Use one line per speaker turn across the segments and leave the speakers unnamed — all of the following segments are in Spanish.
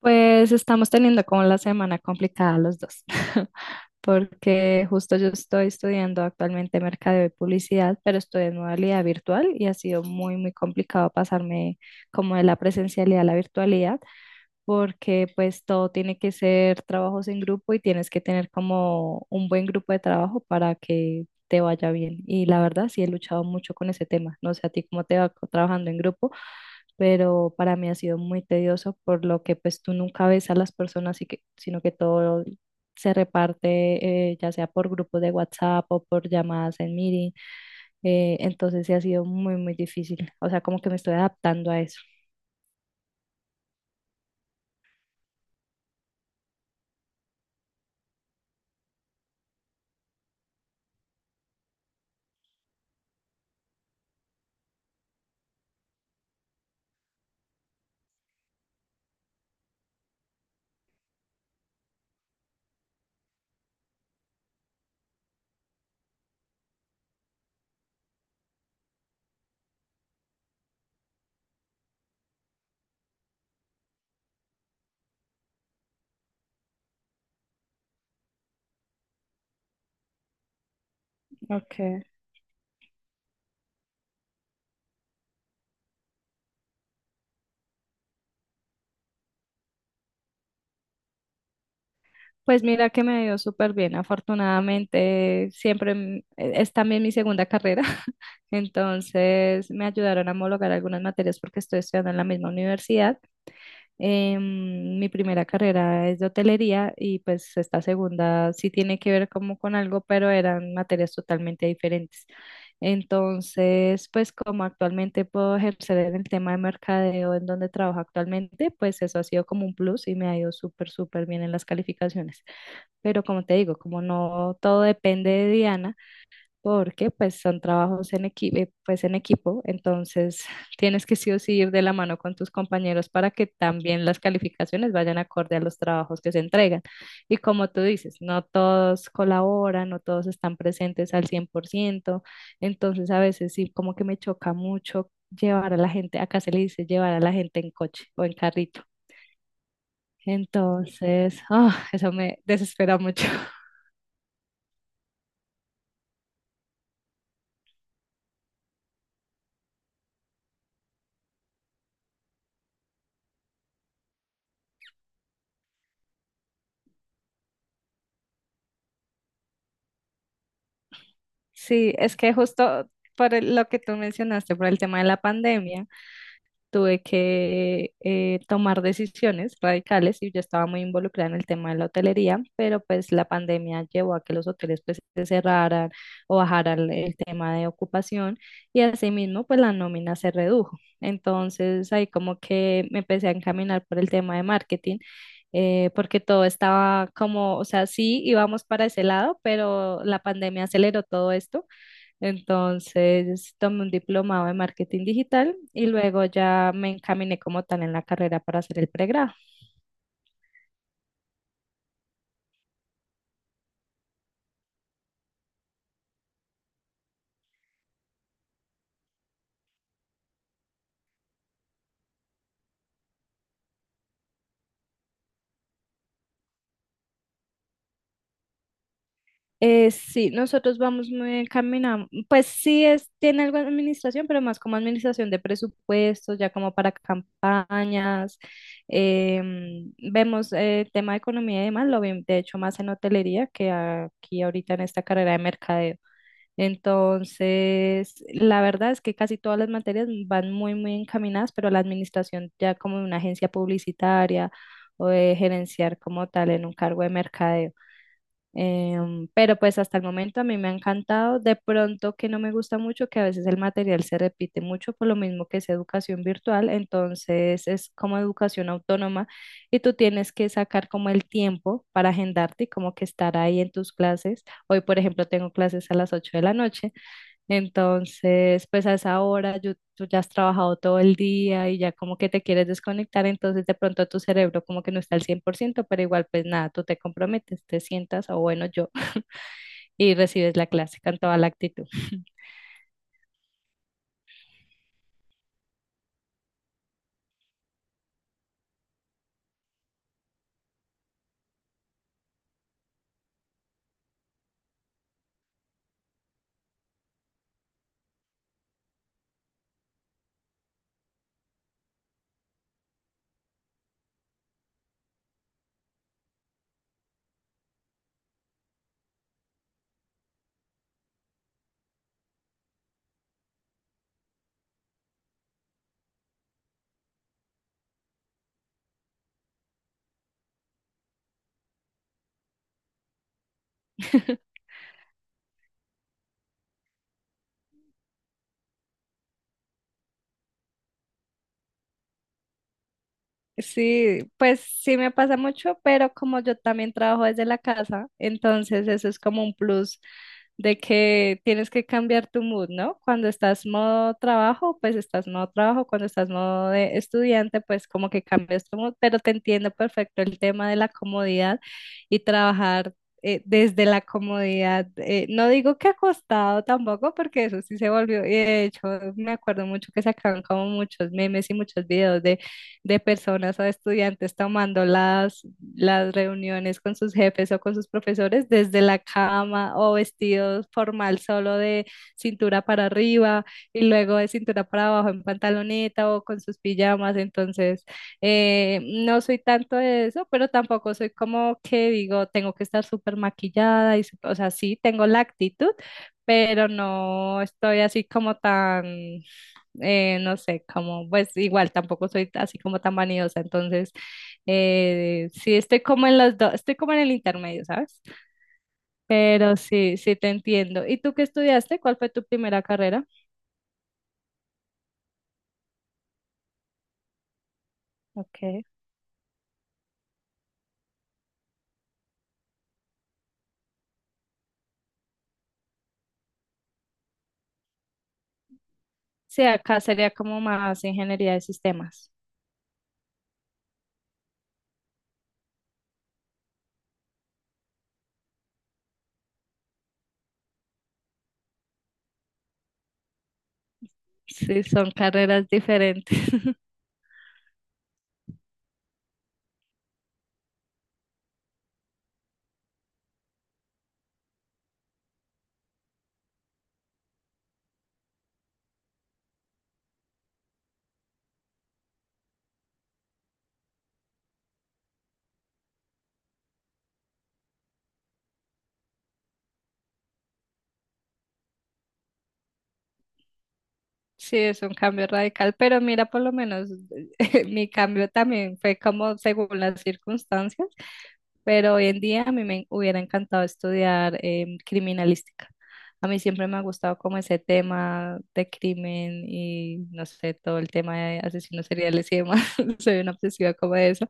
Pues estamos teniendo como la semana complicada los dos, porque justo yo estoy estudiando actualmente mercadeo y publicidad, pero estoy en modalidad virtual y ha sido muy, muy complicado pasarme como de la presencialidad a la virtualidad porque pues todo tiene que ser trabajos en grupo y tienes que tener como un buen grupo de trabajo para que te vaya bien. Y la verdad sí he luchado mucho con ese tema. No sé a ti cómo te va trabajando en grupo, pero para mí ha sido muy tedioso por lo que pues tú nunca ves a las personas, y que, sino que todo se reparte ya sea por grupos de WhatsApp o por llamadas en meeting. Entonces sí ha sido muy, muy difícil. O sea, como que me estoy adaptando a eso. Ok. Pues mira que me dio súper bien, afortunadamente siempre es también mi segunda carrera, entonces me ayudaron a homologar algunas materias porque estoy estudiando en la misma universidad. Mi primera carrera es de hotelería y pues esta segunda sí tiene que ver como con algo, pero eran materias totalmente diferentes. Entonces, pues como actualmente puedo ejercer en el tema de mercadeo en donde trabajo actualmente, pues eso ha sido como un plus y me ha ido súper, súper bien en las calificaciones. Pero como te digo, como no todo depende de Diana, porque pues son trabajos en equipo, pues en equipo, entonces tienes que sí o sí ir de la mano con tus compañeros para que también las calificaciones vayan acorde a los trabajos que se entregan. Y como tú dices, no todos colaboran, no todos están presentes al 100%, entonces a veces sí como que me choca mucho llevar a la gente, acá se le dice llevar a la gente en coche o en carrito. Entonces, eso me desespera mucho. Sí, es que justo por lo que tú mencionaste, por el tema de la pandemia, tuve que tomar decisiones radicales y yo estaba muy involucrada en el tema de la hotelería, pero pues la pandemia llevó a que los hoteles pues se cerraran o bajaran el tema de ocupación y asimismo pues la nómina se redujo. Entonces ahí como que me empecé a encaminar por el tema de marketing, porque todo estaba como, o sea, sí íbamos para ese lado, pero la pandemia aceleró todo esto, entonces tomé un diplomado de marketing digital y luego ya me encaminé como tal en la carrera para hacer el pregrado. Sí, nosotros vamos muy encaminados. Pues sí, es, tiene algo de administración, pero más como administración de presupuestos, ya como para campañas. Vemos el tema de economía y demás, lo vi de hecho más en hotelería que aquí ahorita en esta carrera de mercadeo. Entonces, la verdad es que casi todas las materias van muy, muy encaminadas, pero la administración ya como de una agencia publicitaria o de gerenciar como tal en un cargo de mercadeo. Pero pues hasta el momento a mí me ha encantado. De pronto que no me gusta mucho, que a veces el material se repite mucho por lo mismo que es educación virtual, entonces es como educación autónoma y tú tienes que sacar como el tiempo para agendarte y como que estar ahí en tus clases. Hoy, por ejemplo, tengo clases a las 8 de la noche. Entonces, pues a esa hora yo- tú ya has trabajado todo el día y ya como que te quieres desconectar, entonces de pronto tu cerebro como que no está al 100%, pero igual pues nada, tú te comprometes, te sientas o bueno yo y recibes la clase con toda la actitud. Sí, pues sí me pasa mucho, pero como yo también trabajo desde la casa, entonces eso es como un plus de que tienes que cambiar tu mood, ¿no? Cuando estás modo trabajo, pues estás modo trabajo, cuando estás modo de estudiante, pues como que cambias tu mood, pero te entiendo perfecto el tema de la comodidad y trabajar desde la comodidad. No digo que acostado tampoco, porque eso sí se volvió, y de hecho me acuerdo mucho que sacaban como muchos memes y muchos videos de personas a estudiantes tomando las reuniones con sus jefes o con sus profesores desde la cama o vestidos formal solo de cintura para arriba y luego de cintura para abajo en pantaloneta o con sus pijamas. Entonces, eh, no soy tanto de eso, pero tampoco soy como que digo, tengo que estar súper maquillada y, o sea, sí, tengo la actitud, pero no estoy así como tan no sé, como, pues igual tampoco soy así como tan vanidosa, entonces sí estoy como en los dos, estoy como en el intermedio, ¿sabes? Pero sí, sí te entiendo. ¿Y tú qué estudiaste? ¿Cuál fue tu primera carrera? Okay. Sí, acá sería como más ingeniería de sistemas. Sí, son carreras diferentes. Sí, es un cambio radical, pero mira, por lo menos mi cambio también fue como según las circunstancias. Pero hoy en día a mí me hubiera encantado estudiar criminalística. A mí siempre me ha gustado como ese tema de crimen y no sé, todo el tema de asesinos seriales y demás. Soy una obsesiva como de eso.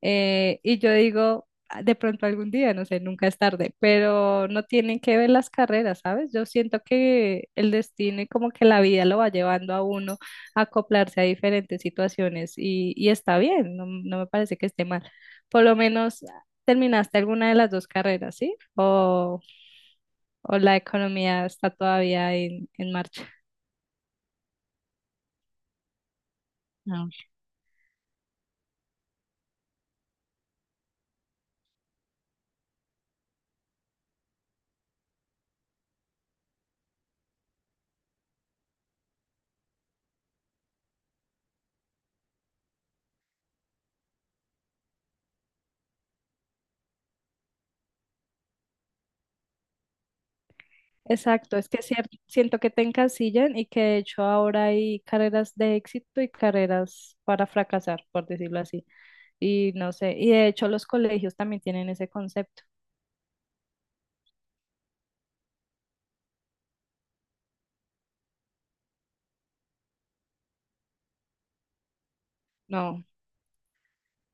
Y yo digo: "Ah, de pronto algún día, no sé, nunca es tarde, pero no tienen que ver las carreras, ¿sabes?". Yo siento que el destino y como que la vida lo va llevando a uno a acoplarse a diferentes situaciones y está bien, no, no me parece que esté mal. Por lo menos terminaste alguna de las dos carreras, ¿sí? O la economía está todavía en marcha. No. Exacto, es que siento que te encasillan y que de hecho ahora hay carreras de éxito y carreras para fracasar, por decirlo así. Y no sé, y de hecho los colegios también tienen ese concepto. No,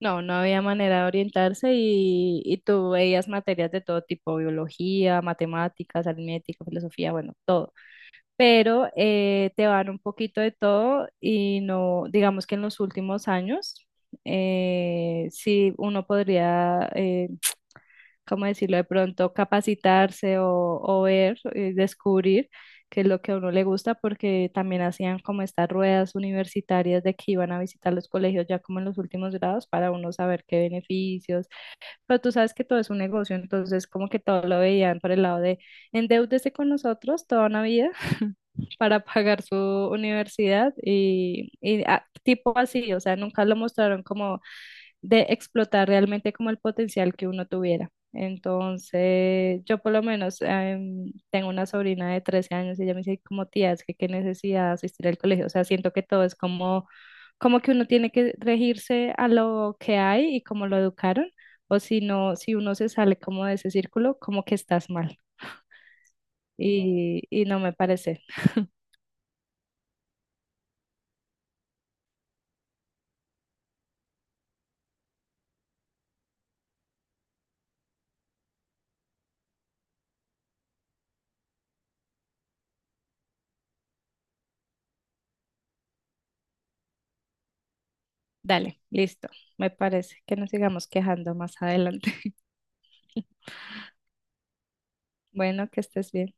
no, no había manera de orientarse y tú veías materias de todo tipo, biología, matemáticas, aritmética, filosofía, bueno, todo. Pero te van un poquito de todo y no, digamos que en los últimos años, sí uno podría, ¿cómo decirlo? De pronto capacitarse o ver, descubrir qué es lo que a uno le gusta, porque también hacían como estas ruedas universitarias de que iban a visitar los colegios ya como en los últimos grados para uno saber qué beneficios, pero tú sabes que todo es un negocio, entonces como que todo lo veían por el lado de endeúdese con nosotros toda una vida para pagar su universidad y, tipo así, o sea, nunca lo mostraron como de explotar realmente como el potencial que uno tuviera. Entonces, yo por lo menos tengo una sobrina de 13 años y ella me dice como tía, es que qué necesidad de asistir al colegio, o sea, siento que todo es como, como que uno tiene que regirse a lo que hay y como lo educaron, o si no, si uno se sale como de ese círculo, como que estás mal y no me parece. Dale, listo. Me parece que nos sigamos quejando más adelante. Bueno, que estés bien.